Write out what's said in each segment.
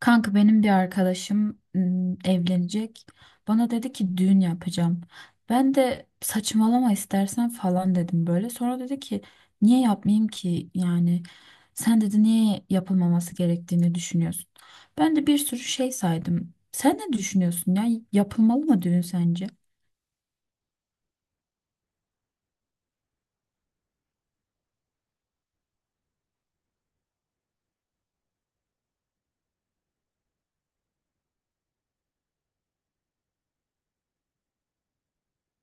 Kanka benim bir arkadaşım evlenecek. Bana dedi ki düğün yapacağım. Ben de saçmalama istersen falan dedim böyle. Sonra dedi ki niye yapmayayım ki yani sen dedi niye yapılmaması gerektiğini düşünüyorsun. Ben de bir sürü şey saydım. Sen ne düşünüyorsun ya, yapılmalı mı düğün sence?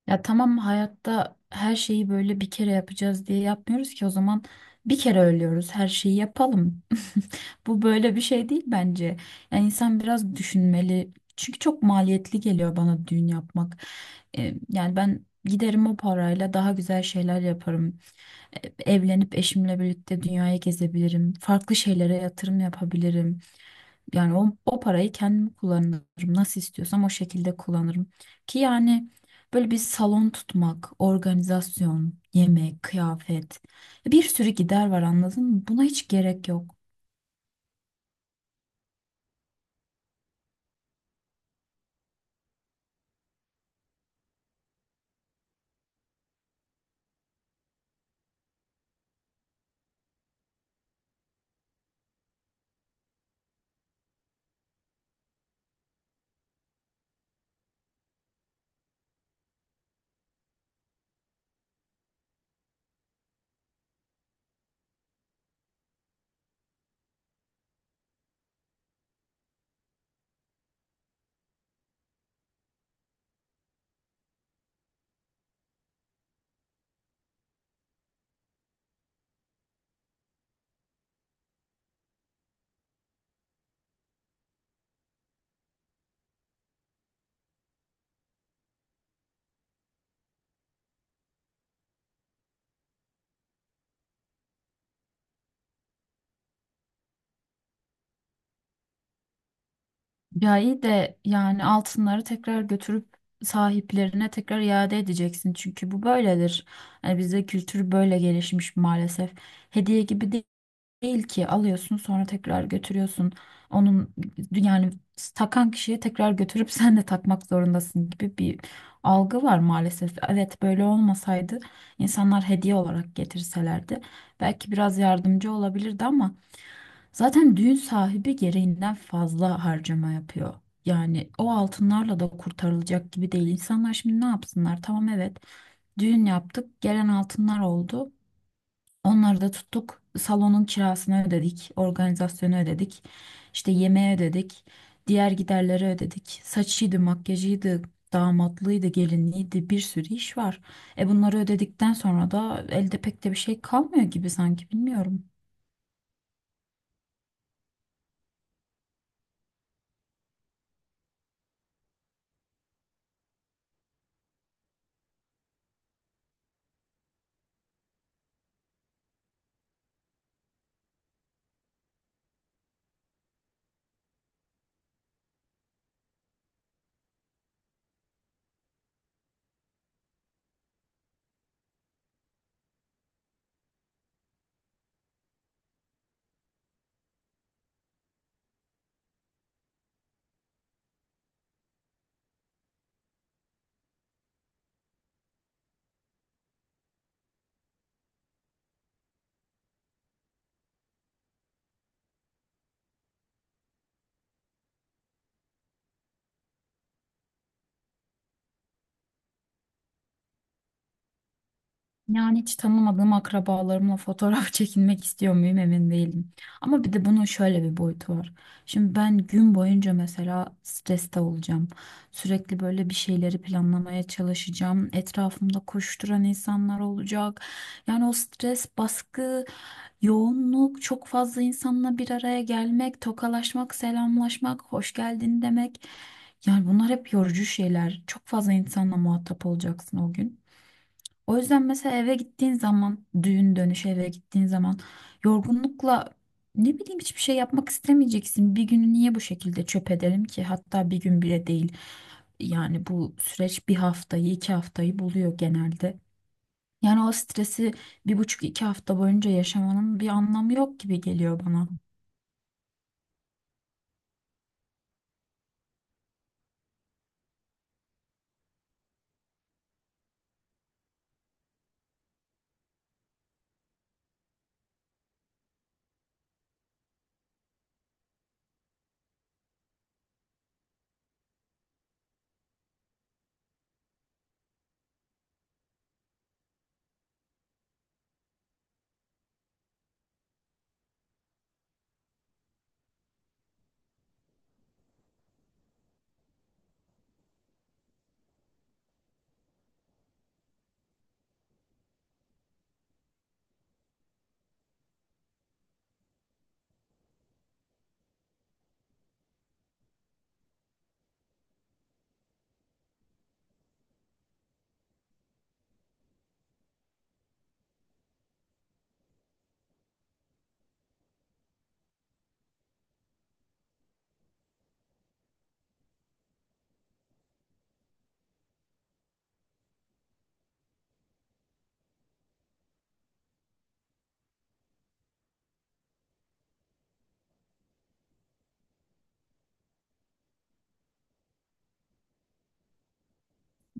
Ya tamam, hayatta her şeyi böyle bir kere yapacağız diye yapmıyoruz ki. O zaman bir kere ölüyoruz, her şeyi yapalım. Bu böyle bir şey değil bence. Yani insan biraz düşünmeli. Çünkü çok maliyetli geliyor bana düğün yapmak. Yani ben giderim, o parayla daha güzel şeyler yaparım. E, Evlenip eşimle birlikte dünyayı gezebilirim. Farklı şeylere yatırım yapabilirim. Yani o parayı kendim kullanırım. Nasıl istiyorsam o şekilde kullanırım. Ki yani böyle bir salon tutmak, organizasyon, yemek, kıyafet, bir sürü gider var, anladın mı? Buna hiç gerek yok. Ya iyi de, yani altınları tekrar götürüp sahiplerine tekrar iade edeceksin. Çünkü bu böyledir. Yani bizde kültür böyle gelişmiş maalesef. Hediye gibi değil. Değil ki alıyorsun sonra tekrar götürüyorsun. Onun yani takan kişiye tekrar götürüp sen de takmak zorundasın gibi bir algı var maalesef. Evet, böyle olmasaydı, insanlar hediye olarak getirselerdi, belki biraz yardımcı olabilirdi, ama zaten düğün sahibi gereğinden fazla harcama yapıyor. Yani o altınlarla da kurtarılacak gibi değil. İnsanlar şimdi ne yapsınlar? Tamam, evet, düğün yaptık, gelen altınlar oldu. Onları da tuttuk. Salonun kirasını ödedik, organizasyonu ödedik, işte yemeği ödedik, diğer giderleri ödedik. Saçıydı, makyajıydı, damatlığıydı, gelinliğiydi, bir sürü iş var. Bunları ödedikten sonra da elde pek de bir şey kalmıyor gibi, sanki bilmiyorum. Yani hiç tanımadığım akrabalarımla fotoğraf çekinmek istiyor muyum emin değilim. Ama bir de bunun şöyle bir boyutu var. Şimdi ben gün boyunca mesela streste olacağım. Sürekli böyle bir şeyleri planlamaya çalışacağım. Etrafımda koşturan insanlar olacak. Yani o stres, baskı, yoğunluk, çok fazla insanla bir araya gelmek, tokalaşmak, selamlaşmak, hoş geldin demek. Yani bunlar hep yorucu şeyler. Çok fazla insanla muhatap olacaksın o gün. O yüzden mesela eve gittiğin zaman, düğün dönüşü eve gittiğin zaman, yorgunlukla, ne bileyim, hiçbir şey yapmak istemeyeceksin. Bir günü niye bu şekilde çöp ederim ki? Hatta bir gün bile değil. Yani bu süreç bir haftayı, iki haftayı buluyor genelde. Yani o stresi bir buçuk, iki hafta boyunca yaşamanın bir anlamı yok gibi geliyor bana.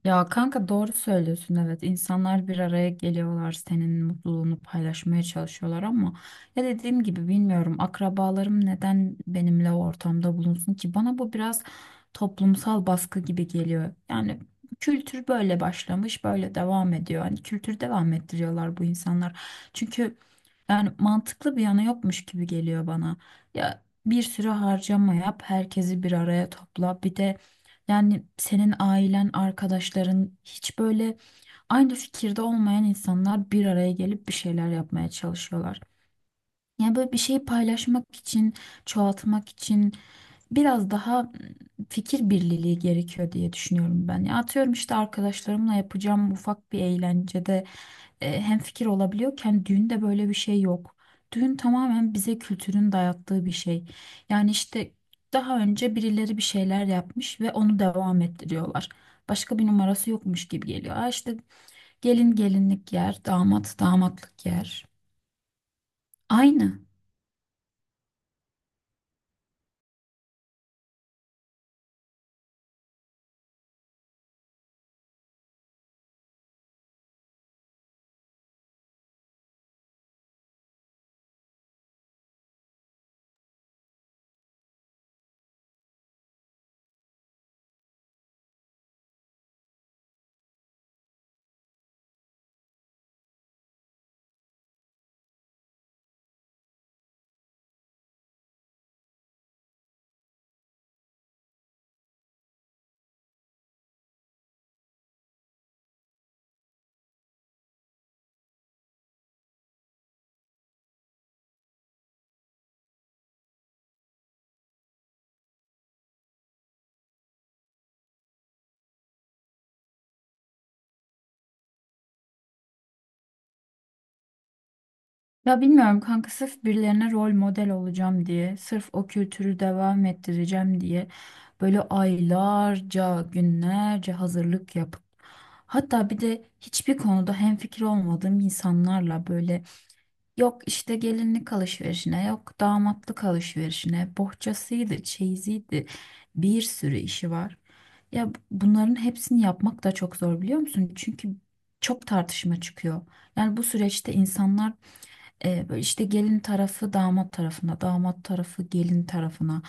Ya kanka, doğru söylüyorsun, evet, insanlar bir araya geliyorlar, senin mutluluğunu paylaşmaya çalışıyorlar, ama ya dediğim gibi bilmiyorum, akrabalarım neden benimle o ortamda bulunsun ki? Bana bu biraz toplumsal baskı gibi geliyor. Yani kültür böyle başlamış, böyle devam ediyor, hani kültür devam ettiriyorlar bu insanlar, çünkü yani mantıklı bir yanı yokmuş gibi geliyor bana. Ya bir sürü harcama yap, herkesi bir araya topla. Bir de yani senin ailen, arkadaşların, hiç böyle aynı fikirde olmayan insanlar bir araya gelip bir şeyler yapmaya çalışıyorlar. Yani böyle bir şeyi paylaşmak için, çoğaltmak için biraz daha fikir birliği gerekiyor diye düşünüyorum ben. Ya atıyorum işte, arkadaşlarımla yapacağım ufak bir eğlencede hem fikir olabiliyorken, düğünde böyle bir şey yok. Düğün tamamen bize kültürün dayattığı bir şey. Yani işte daha önce birileri bir şeyler yapmış ve onu devam ettiriyorlar. Başka bir numarası yokmuş gibi geliyor. Aa, işte, gelin gelinlik yer, damat damatlık yer. Aynı. Ya bilmiyorum kanka, sırf birilerine rol model olacağım diye, sırf o kültürü devam ettireceğim diye böyle aylarca, günlerce hazırlık yapıp, hatta bir de hiçbir konuda hemfikir olmadığım insanlarla böyle, yok işte gelinlik alışverişine, yok damatlık alışverişine, bohçasıydı, çeyiziydi, bir sürü işi var. Ya bunların hepsini yapmak da çok zor, biliyor musun? Çünkü çok tartışma çıkıyor. Yani bu süreçte insanlar, böyle işte, gelin tarafı damat tarafına, damat tarafı gelin tarafına.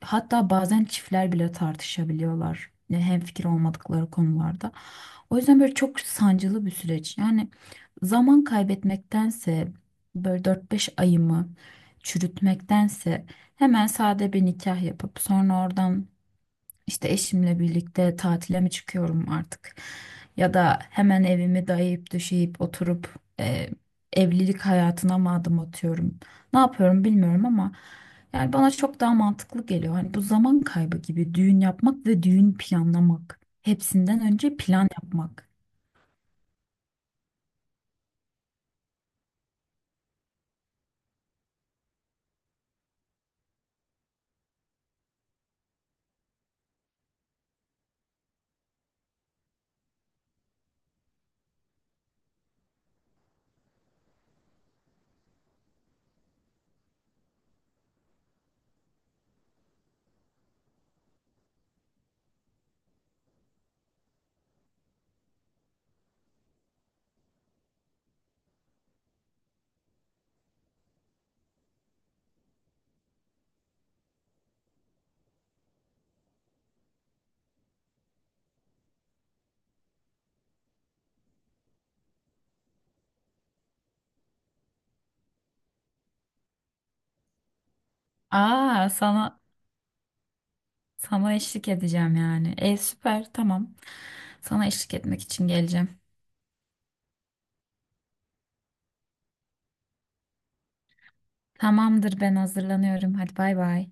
Hatta bazen çiftler bile tartışabiliyorlar. Yani hemfikir olmadıkları konularda. O yüzden böyle çok sancılı bir süreç. Yani zaman kaybetmektense, böyle 4-5 ayımı çürütmektense, hemen sade bir nikah yapıp sonra oradan işte eşimle birlikte tatile mi çıkıyorum artık? Ya da hemen evimi dayayıp döşeyip oturup e, evlilik hayatına mı adım atıyorum? Ne yapıyorum bilmiyorum, ama yani bana çok daha mantıklı geliyor. Hani bu zaman kaybı gibi düğün yapmak ve düğün planlamak. Hepsinden önce plan yapmak. Aa, sana eşlik edeceğim yani. E süper, tamam. Sana eşlik etmek için geleceğim. Tamamdır, ben hazırlanıyorum. Hadi bay bay.